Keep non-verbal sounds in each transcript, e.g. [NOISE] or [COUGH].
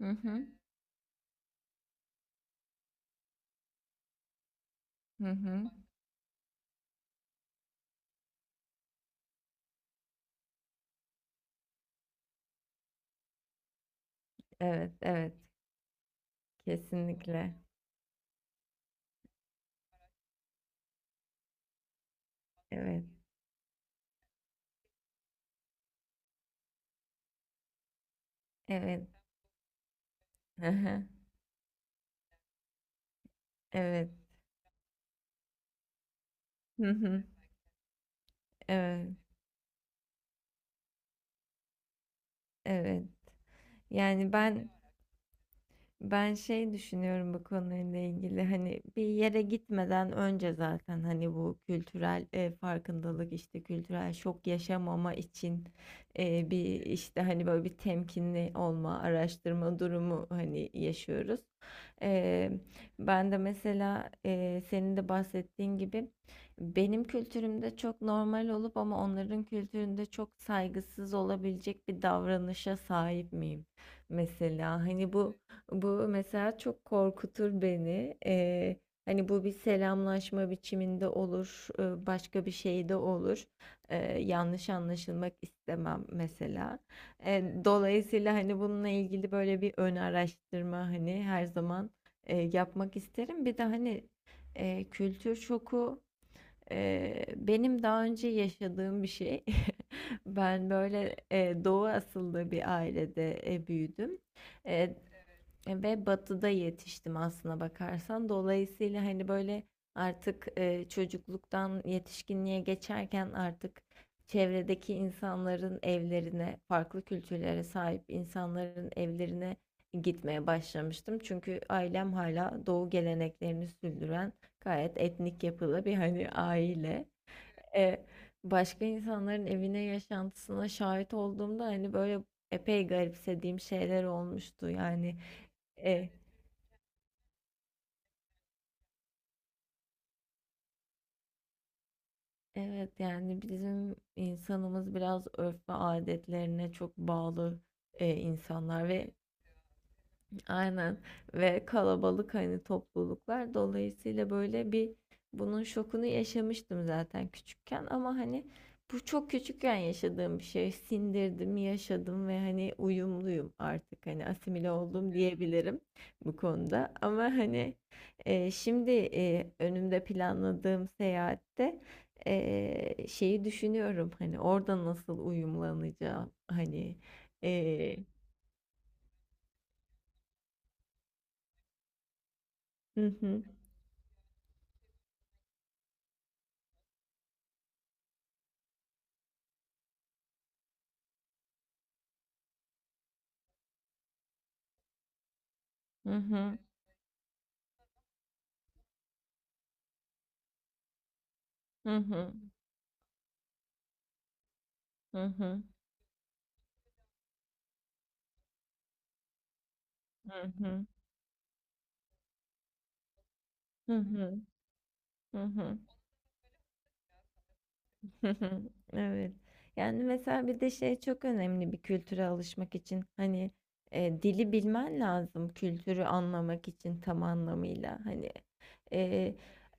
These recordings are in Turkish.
Hı hı. Hı hı. Evet, evet. Kesinlikle. Evet. Evet. Hı hı. Evet. Hı hı. Evet. Evet. Yani Ben şey düşünüyorum bu konuyla ilgili hani bir yere gitmeden önce zaten hani bu kültürel farkındalık işte kültürel şok yaşamama için bir işte hani böyle bir temkinli olma araştırma durumu hani yaşıyoruz. E, Ben de mesela senin de bahsettiğin gibi benim kültürümde çok normal olup ama onların kültüründe çok saygısız olabilecek bir davranışa sahip miyim mesela hani bu mesela çok korkutur beni. Hani bu bir selamlaşma biçiminde olur, başka bir şey de olur. Yanlış anlaşılmak istemem mesela. Dolayısıyla hani bununla ilgili böyle bir ön araştırma hani her zaman yapmak isterim. Bir de hani kültür şoku. Benim daha önce yaşadığım bir şey. [LAUGHS] Ben böyle Doğu asıllı bir ailede büyüdüm. Ve batıda yetiştim aslına bakarsan. Dolayısıyla hani böyle artık çocukluktan yetişkinliğe geçerken artık çevredeki insanların evlerine, farklı kültürlere sahip insanların evlerine gitmeye başlamıştım. Çünkü ailem hala doğu geleneklerini sürdüren gayet etnik yapılı bir, hani, aile. Eee, Başka insanların evine, yaşantısına şahit olduğumda, hani, böyle, epey garipsediğim şeyler olmuştu. Yani, eee evet, yani, bizim insanımız biraz örf ve adetlerine çok bağlı, insanlar ve, aynen, ve kalabalık hani topluluklar dolayısıyla böyle bir bunun şokunu yaşamıştım zaten küçükken ama hani bu çok küçükken yaşadığım bir şey sindirdim yaşadım ve hani uyumluyum artık hani asimile oldum diyebilirim bu konuda ama hani şimdi önümde planladığım seyahatte şeyi düşünüyorum hani orada nasıl uyumlanacağım hani e, hı hı hı hı. Hı hı. Hı hı. Hı hı. Hı hı. Hı hı. [LAUGHS] Evet. Yani mesela bir de şey çok önemli bir kültüre alışmak için. Hani dili bilmen lazım kültürü anlamak için tam anlamıyla. Hani e,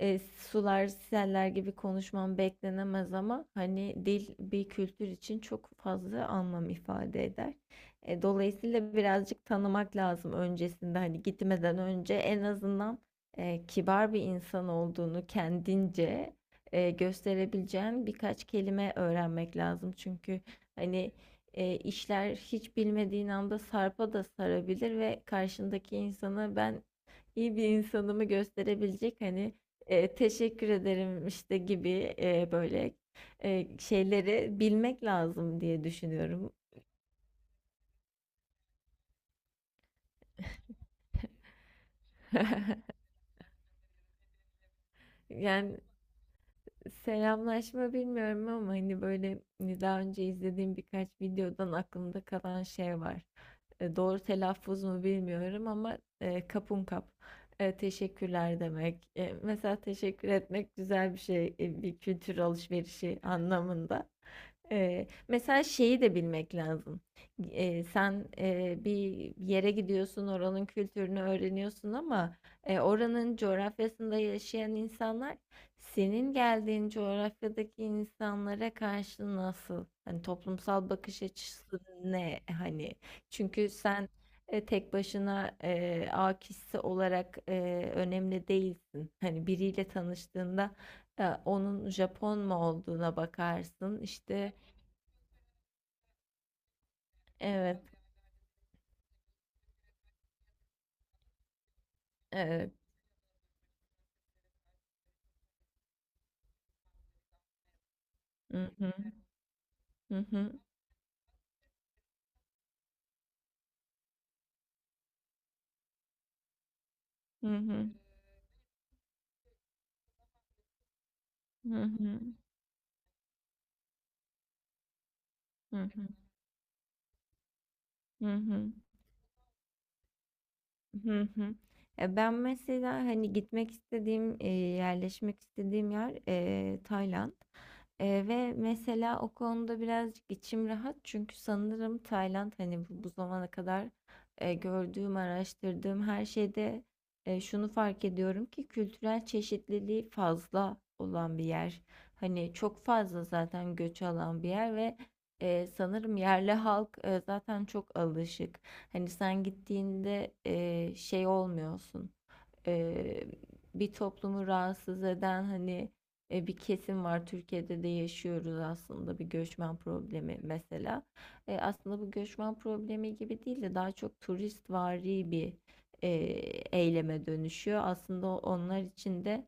sular seller gibi konuşman beklenemez ama hani dil bir kültür için çok fazla anlam ifade eder. Dolayısıyla birazcık tanımak lazım öncesinde hani gitmeden önce en azından kibar bir insan olduğunu kendince gösterebileceğin birkaç kelime öğrenmek lazım. Çünkü hani işler hiç bilmediğin anda sarpa da sarabilir ve karşındaki insana ben iyi bir insanımı gösterebilecek hani teşekkür ederim işte gibi böyle şeyleri bilmek lazım diye düşünüyorum. Yani selamlaşma bilmiyorum ama hani böyle hani daha önce izlediğim birkaç videodan aklımda kalan şey var. Doğru telaffuz mu bilmiyorum ama kapun kap. Teşekkürler demek. Mesela teşekkür etmek güzel bir şey. Bir kültür alışverişi anlamında. Mesela şeyi de bilmek lazım. Sen bir yere gidiyorsun, oranın kültürünü öğreniyorsun ama oranın coğrafyasında yaşayan insanlar senin geldiğin coğrafyadaki insanlara karşı nasıl? Hani toplumsal bakış açısı ne? Hani çünkü sen tek başına A kişisi olarak önemli değilsin. Hani biriyle tanıştığında onun Japon mu olduğuna bakarsın. İşte evet, evet. Hı hı, hı hı, hı hı, hı hı, hı hı, hı hı. Hı hı. Ya ben mesela hani gitmek istediğim, yerleşmek istediğim yer Tayland. Ve mesela o konuda birazcık içim rahat çünkü sanırım Tayland hani bu zamana kadar gördüğüm, araştırdığım her şeyde şunu fark ediyorum ki kültürel çeşitliliği fazla olan bir yer. Hani çok fazla zaten göç alan bir yer ve sanırım yerli halk zaten çok alışık. Hani sen gittiğinde şey olmuyorsun eee, bir toplumu rahatsız eden hani bir kesim var. Türkiye'de de yaşıyoruz aslında bir göçmen problemi mesela. Aslında bu göçmen problemi gibi değil de daha çok turistvari bir e, eyleme dönüşüyor. Aslında onlar için de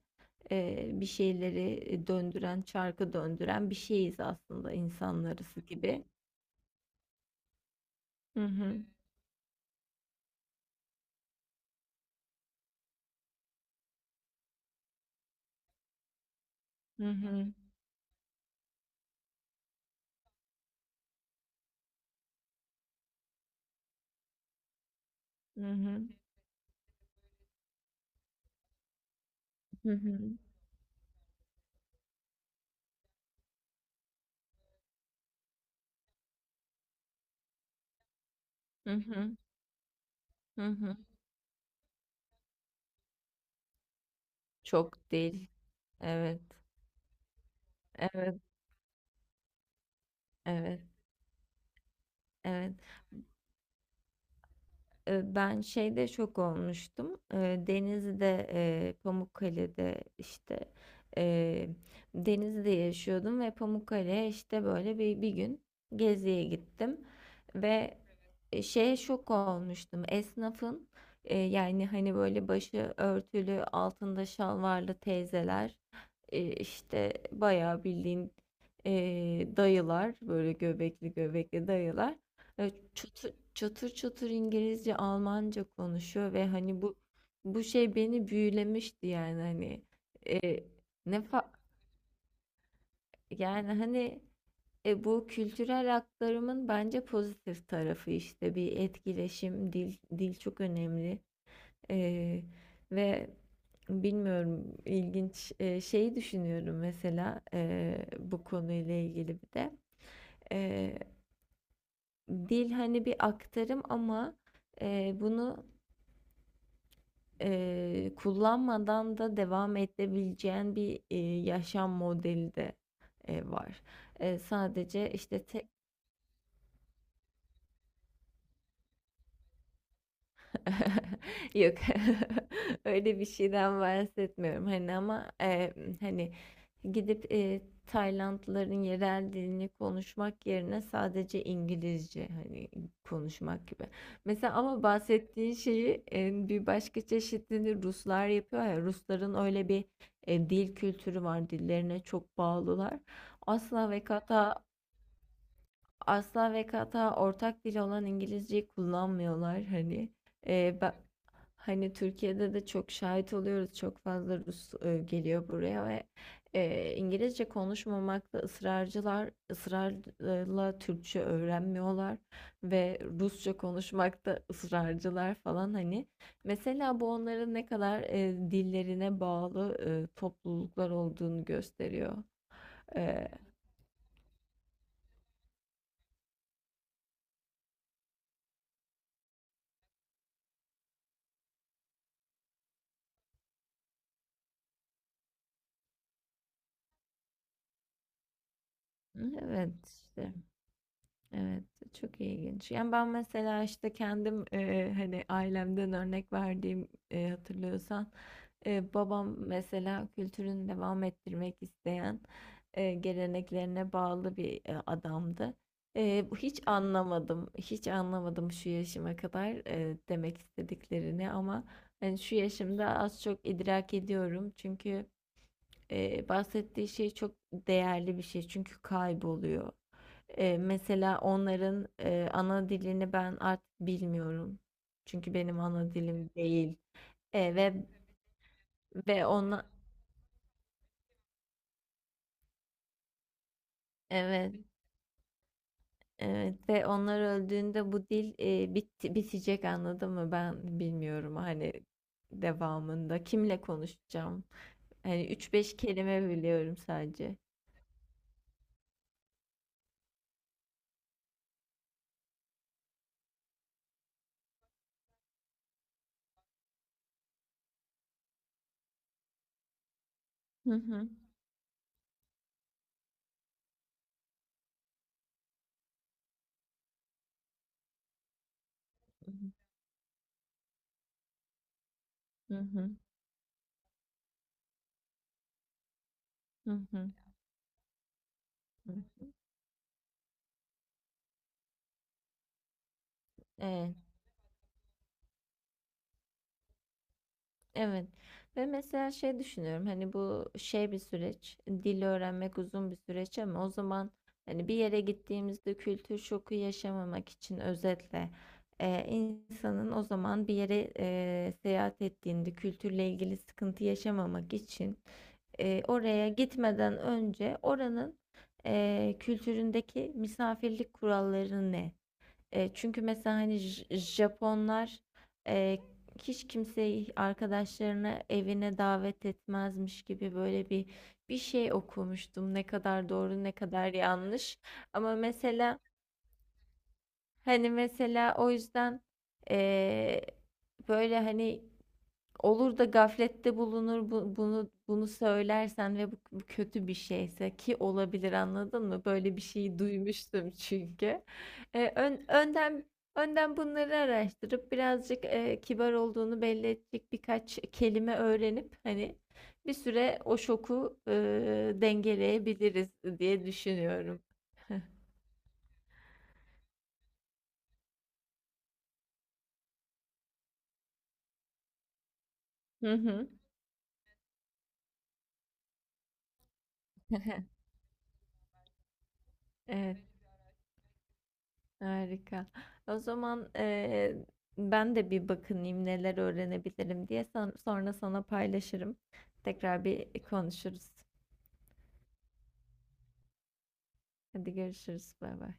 bir şeyleri döndüren, çarkı döndüren bir şeyiz aslında insanlarısı gibi. Hı hı, hı hı, hı hı, hı hı, hı hı, hı hı. Çok değil. Evet, evet. Evet, evet. Ben şeyde şok olmuştum. Denizli'de, Pamukkale'de işte eee, Denizli'de yaşıyordum ve Pamukkale'ye işte böyle bir gün geziye gittim ve şeye şok olmuştum. Esnafın yani hani böyle başı örtülü, altında şalvarlı teyzeler işte bayağı bildiğin e, dayılar böyle göbekli göbekli dayılar çatır çatır İngilizce, Almanca konuşuyor ve hani bu şey beni büyülemişti yani hani e, ne fa yani hani bu kültürel aktarımın bence pozitif tarafı işte bir etkileşim, dil çok önemli. E, ve bilmiyorum ilginç şeyi düşünüyorum mesela bu konuyla ilgili bir de E, dil hani bir aktarım ama bunu kullanmadan da devam edebileceğin bir, yaşam modeli de, var. Sadece, işte, [LAUGHS] Yok. [LAUGHS] Öyle bir şeyden bahsetmiyorum, hani, ama, hani, gidip, Taylandlıların yerel dilini konuşmak yerine sadece İngilizce, hani, konuşmak gibi. Mesela ama bahsettiğin şeyi, bir başka çeşidini Ruslar yapıyor ya, Rusların öyle bir, dil kültürü var, dillerine çok bağlılar. Asla ve kata asla ve kata ortak dil olan İngilizceyi kullanmıyorlar hani. Ee, ben, Hani Türkiye'de de çok şahit oluyoruz. Çok fazla Rus geliyor buraya ve İngilizce konuşmamakta ısrarcılar, ısrarla Türkçe öğrenmiyorlar ve Rusça konuşmakta ısrarcılar falan hani. Mesela bu onların ne kadar dillerine bağlı topluluklar olduğunu gösteriyor. Ee, evet, işte. Evet, çok ilginç. Yani ben mesela işte kendim hani ailemden örnek verdiğim hatırlıyorsan babam mesela kültürünü devam ettirmek isteyen geleneklerine bağlı bir adamdı. Bu hiç anlamadım, hiç anlamadım şu yaşıma kadar demek istediklerini ama hani şu yaşımda az çok idrak ediyorum çünkü bahsettiği şey çok değerli bir şey çünkü kayboluyor. Mesela onların, ana dilini ben artık bilmiyorum. Çünkü benim ana dilim değil. Ve ve ona Evet, evet ve onlar öldüğünde bu dil, bitti bitecek anladın mı? Ben bilmiyorum hani devamında kimle konuşacağım? Hani üç beş kelime biliyorum sadece. Hı hı. Hı hı. Hı hı. Hı hı. Evet. Evet. Ve mesela şey düşünüyorum hani bu şey bir süreç, dil öğrenmek uzun bir süreç ama o zaman hani bir yere gittiğimizde kültür şoku yaşamamak için özetle insanın o zaman bir yere seyahat ettiğinde kültürle ilgili sıkıntı yaşamamak için oraya gitmeden önce oranın kültüründeki misafirlik kuralları ne? Çünkü mesela hani Japonlar e, hiç kimseyi arkadaşlarını evine davet etmezmiş gibi böyle bir şey okumuştum. Ne kadar doğru ne kadar yanlış. Ama mesela hani mesela o yüzden e, böyle hani olur da gaflette bulunur bunu söylersen ve bu kötü bir şeyse ki olabilir anladın mı? Böyle bir şeyi duymuştum çünkü. E, ön- önden önden bunları araştırıp birazcık kibar olduğunu belli edecek birkaç kelime öğrenip hani bir süre o şoku dengeleyebiliriz diye düşünüyorum. Hı hı. [LAUGHS] Evet. Harika. O zaman ben de bir bakınayım neler öğrenebilirim diye sonra sana paylaşırım. Tekrar bir konuşuruz. Hadi görüşürüz. Bay bay.